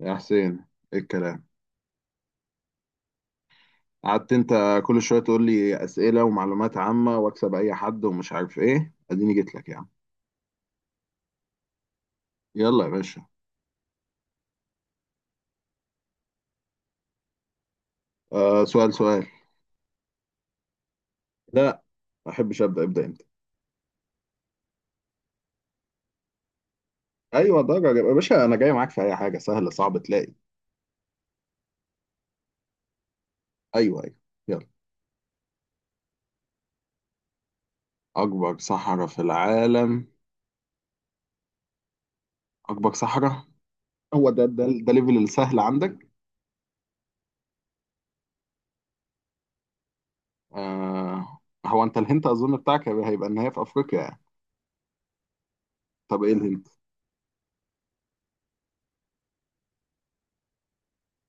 يا حسين، ايه الكلام؟ قعدت انت كل شويه تقول لي اسئله ومعلومات عامه واكسب اي حد ومش عارف ايه، اديني جيت لك يا عم. يلا يا باشا. آه، سؤال سؤال. لا، ما احبش ابدا ابدا. انت ايوه درجه يا باشا، انا جاي معاك. في اي حاجه سهله صعب تلاقي. ايوه، ايوه. يلا. اكبر صحراء في العالم. اكبر صحراء. هو ده ليفل السهل عندك؟ آه. هو انت الهنت اظن بتاعك هيبقى ان هي في افريقيا يعني. طب ايه الهنت؟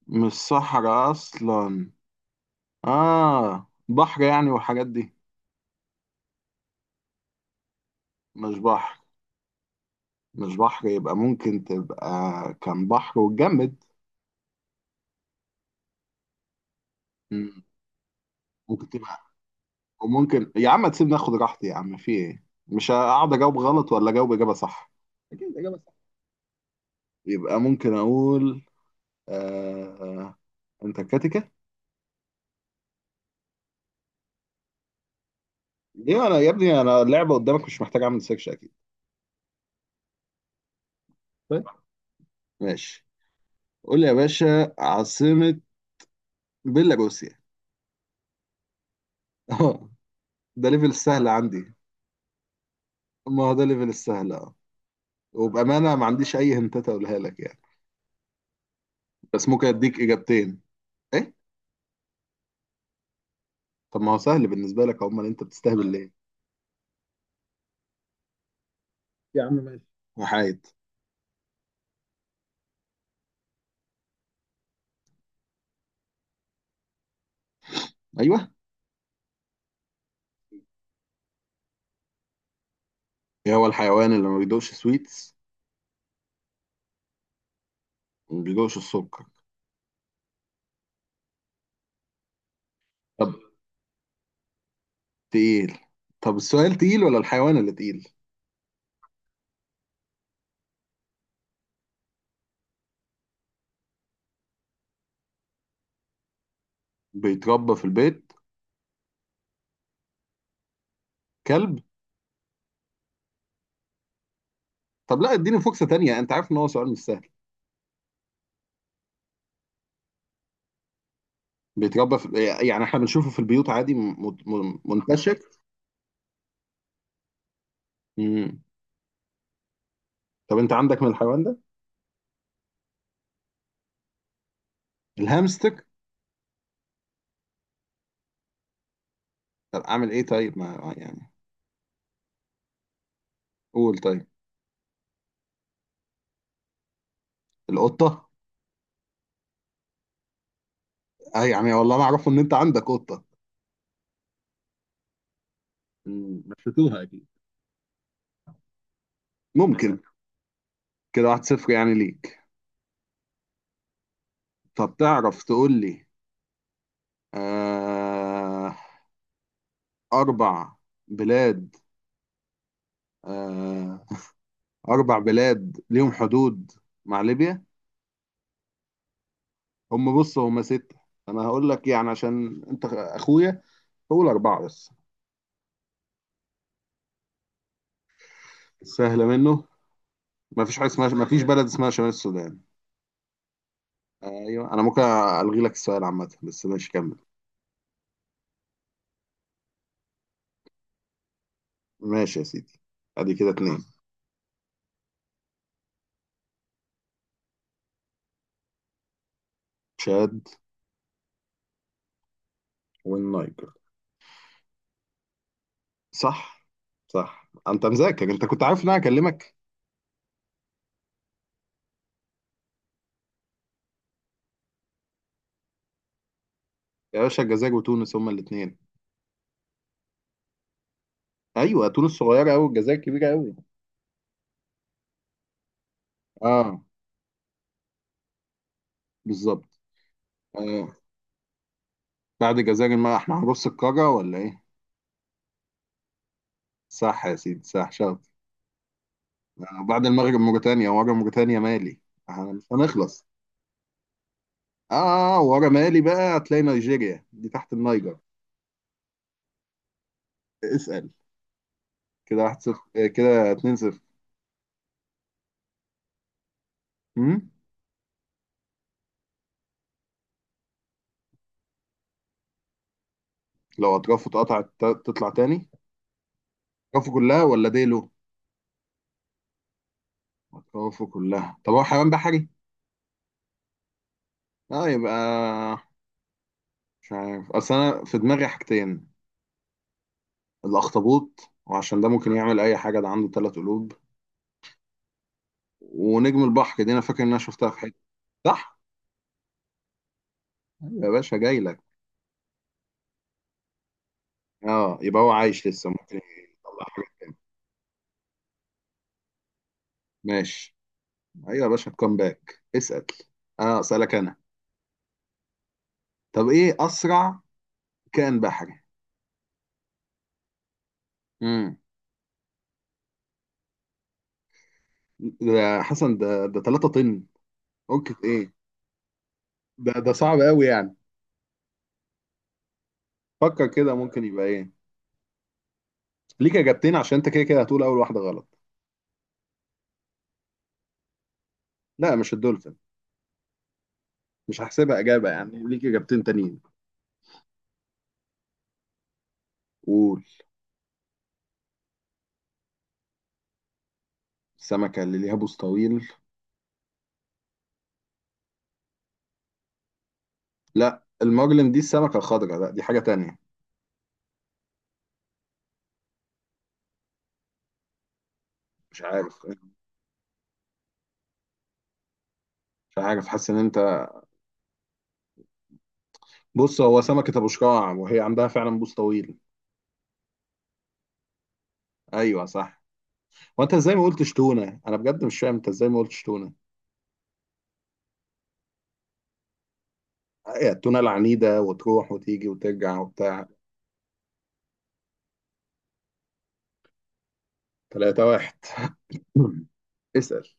مش صحراء اصلا. آه، بحر يعني والحاجات دي. مش بحر. مش بحر، يبقى ممكن تبقى كان بحر واتجمد. مم. ممكن تبقى. وممكن يا عم تسيبني اخد راحتي يا عم في ايه. مش هقعد اجاوب غلط ولا اجاوب اجابة صح. أكيد إجابة صح. يبقى ممكن اقول آه... انتاركتيكا. ليه انا يا ابني، انا اللعبة قدامك مش محتاج اعمل سيرش اكيد. طيب. ماشي، قول لي يا باشا عاصمة بيلاروسيا. اه، ده ليفل السهل عندي. ما هو ده ليفل السهل اه. وبأمانة ما عنديش أي هنتات أقولها لك يعني، بس ممكن أديك إجابتين. إيه؟ طب ما هو سهل بالنسبة لك، أمال أنت بتستهبل ليه؟ يا عم ماشي. وحايد. أيوه. إيه هو الحيوان اللي ما بيدوقش سويتس وما بيدوقش السكر؟ طب تقيل. طب السؤال تقيل ولا الحيوان اللي تقيل؟ بيتربى في البيت. كلب. طب لا، اديني فرصة تانية، أنت عارف إن هو سؤال مش سهل. بيتربى في، يعني إحنا بنشوفه في البيوت عادي. منتشر. مم. طب أنت عندك من الحيوان ده؟ الهامستر. طب أعمل إيه طيب، ما يعني. قول طيب. القطة. أي يعني، والله أنا أعرفه إن أنت عندك قطة. مشيتوها اكيد. ممكن. كده واحد صفر يعني ليك. طب تعرف تقول لي آه أربع بلاد آه أربع بلاد ليهم حدود مع ليبيا. هم، بص، هم ستة. أنا هقول لك يعني عشان أنت أخويا، هقول أربعة بس. سهلة منه. ما فيش بلد اسمها شمال السودان. أيوه، أنا ممكن ألغي لك السؤال عامة، بس ماشي كمل. ماشي يا سيدي. أدي كده اتنين. تشاد. والنيجر. صح. صح، انت مذاكر انت كنت عارف ان انا هكلمك. يا باشا، الجزائر وتونس هما الاثنين. ايوه، تونس صغيره قوي، الجزائر كبيره قوي. اه، بالظبط. آه. بعد الجزائر، ما احنا هنرص القاره ولا ايه؟ صح يا سيدي، صح شاطر. آه. بعد المغرب موريتانيا، ورا موريتانيا مالي. احنا مش هنخلص. اه. ورا مالي بقى هتلاقي نيجيريا دي تحت النيجر. اسأل. كده اتنين صفر. مم؟ لو اطرافه اتقطعت، تطلع تاني. اطرافه كلها ولا ديله؟ خوفه كلها. طب هو حيوان بحري؟ اه، يبقى مش عارف، اصل انا في دماغي حاجتين: الاخطبوط، وعشان ده ممكن يعمل اي حاجه ده عنده ثلاث قلوب، ونجم البحر، دي انا فاكر ان انا شفتها في حته. صح؟ أيوة يا باشا جاي لك. اه، يبقى هو عايش لسه ممكن يطلع حاجه. ماشي. ايوه يا باشا، كم باك. اسال. اه، اسالك انا. طب ايه اسرع كائن بحري؟ امم. ده حسن. ده 3 طن. ممكن ايه؟ ده صعب قوي يعني. فكر كده، ممكن يبقى ايه؟ ليك اجابتين عشان انت كده كده هتقول اول واحده غلط. لا، مش الدولفين. مش هحسبها اجابه يعني، ليك اجابتين تانيين. قول. السمكه اللي ليها بوز طويل؟ لا، المجرم دي السمكه الخضراء، لا دي حاجه تانية. مش عارف. مش عارف، حاسس ان انت. بص، هو سمكه ابو شراع وهي عندها فعلا بوز طويل. ايوه صح. وانت ازاي ما قلتش تونه؟ انا بجد مش فاهم انت ازاي ما قلتش تونه. هي التونه العنيده، وتروح وتيجي وترجع وبتاع. 3 واحد. اسال.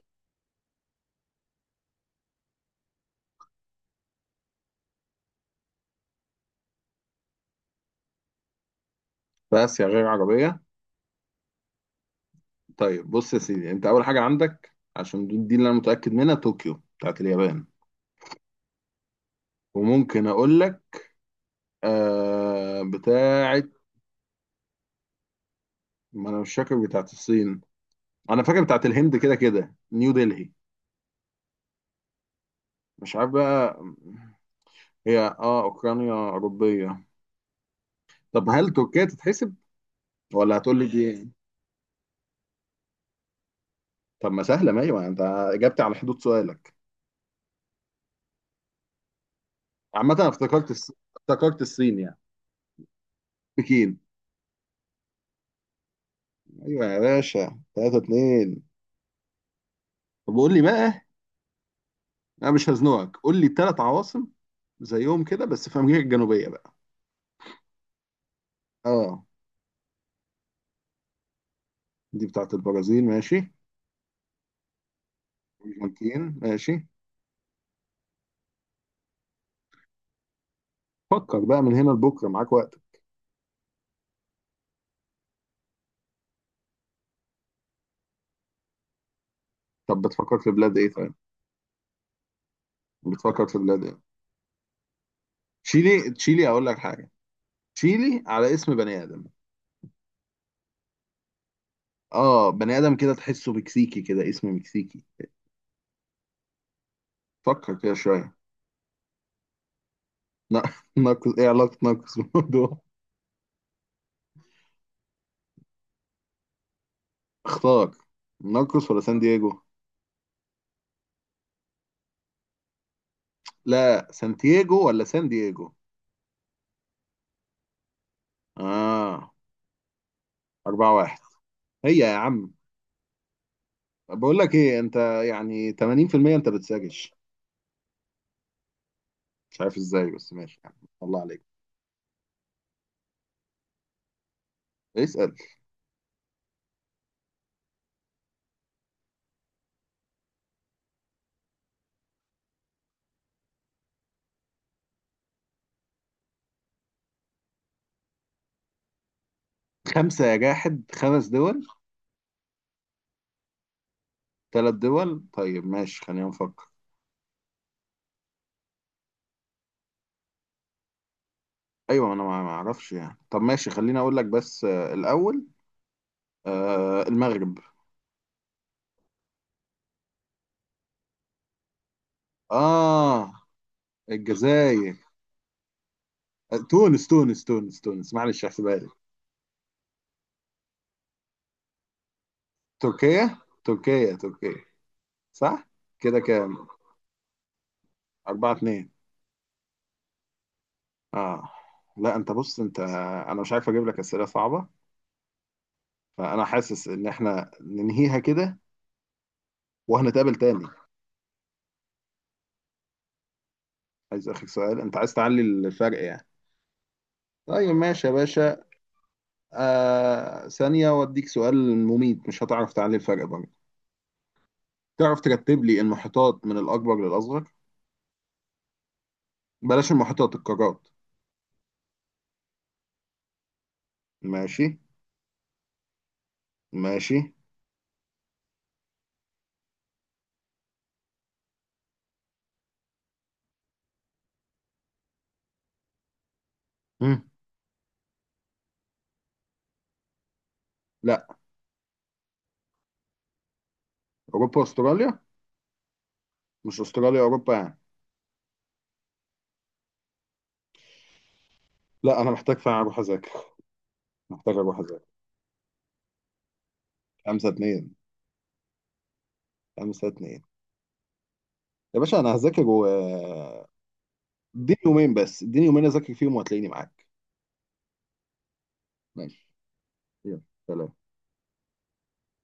في اسيا غير عربيه؟ طيب بص يا سيدي، انت اول حاجه عندك عشان دي اللي انا متاكد منها طوكيو بتاعت اليابان. وممكن اقول لك بتاعت. ما انا مش فاكر بتاعت الصين، انا فاكر بتاعت الهند، كده كده نيو دلهي. مش عارف بقى. هي اه، اوكرانيا اوروبيه. طب هل تركيا تتحسب ولا هتقول لي دي؟ طب ما سهله، ما ايوه انت اجبت على حدود سؤالك. عامه انا افتكرت الصين يعني. بكين. ايوه يا باشا، 3-2. طب قول لي بقى، انا مش هزنقك، قول لي ثلاث عواصم زيهم كده بس في امريكا الجنوبيه بقى. اه، دي بتاعت البرازيل ماشي. الارجنتين ماشي. فكر بقى، من هنا لبكره معاك وقت. طب بتفكر في بلاد ايه طيب؟ بتفكر في بلاد ايه؟ تشيلي. تشيلي، اقول لك حاجه. تشيلي على اسم بني ادم. اه، بني ادم كده تحسه مكسيكي، كده اسم مكسيكي. فكر كده شويه. نا- ناقص، ايه علاقه ناقص بالموضوع؟ اختار، ناقص ولا سان دييجو؟ لا سانتياجو ولا سان دييجو؟ اه، أربعة واحد. هي يا عم، بقول لك ايه انت، يعني 80% انت بتساجش. مش عارف ازاي بس ماشي يعني. الله عليك. اسأل. خمسة يا جاحد، خمس دول. ثلاث دول طيب، ماشي خلينا نفكر. ايوه، انا ما اعرفش يعني. طب ماشي خليني اقول لك بس الاول المغرب. اه، الجزائر. تونس تونس تونس تونس، معلش احسبها لي. تركيا. تركيا تركيا. صح. كده كام؟ أربعة اتنين. اه. لا، انت بص انت انا مش عارف اجيب لك اسئله صعبه، فانا حاسس ان احنا ننهيها كده وهنتقابل تاني. عايز اخر سؤال؟ انت عايز تعلي الفرق يعني. طيب ماشي يا باشا. آه، ثانية واديك سؤال مميت مش هتعرف تعلي الفرق برضه. تعرف ترتب لي المحيطات من الأكبر للأصغر؟ بلاش المحيطات، القارات. ماشي. ماشي. مم. لا، أوروبا أستراليا. مش أستراليا أوروبا يعني. لا، أنا محتاج فعلا أروح أذاكر. محتاج أروح أذاكر. خمسة اتنين. خمسة اتنين. يا باشا أنا هذاكر و آه، اديني يومين بس، اديني يومين أذاكر فيهم وهتلاقيني معاك. ماشي. يلا. سلام.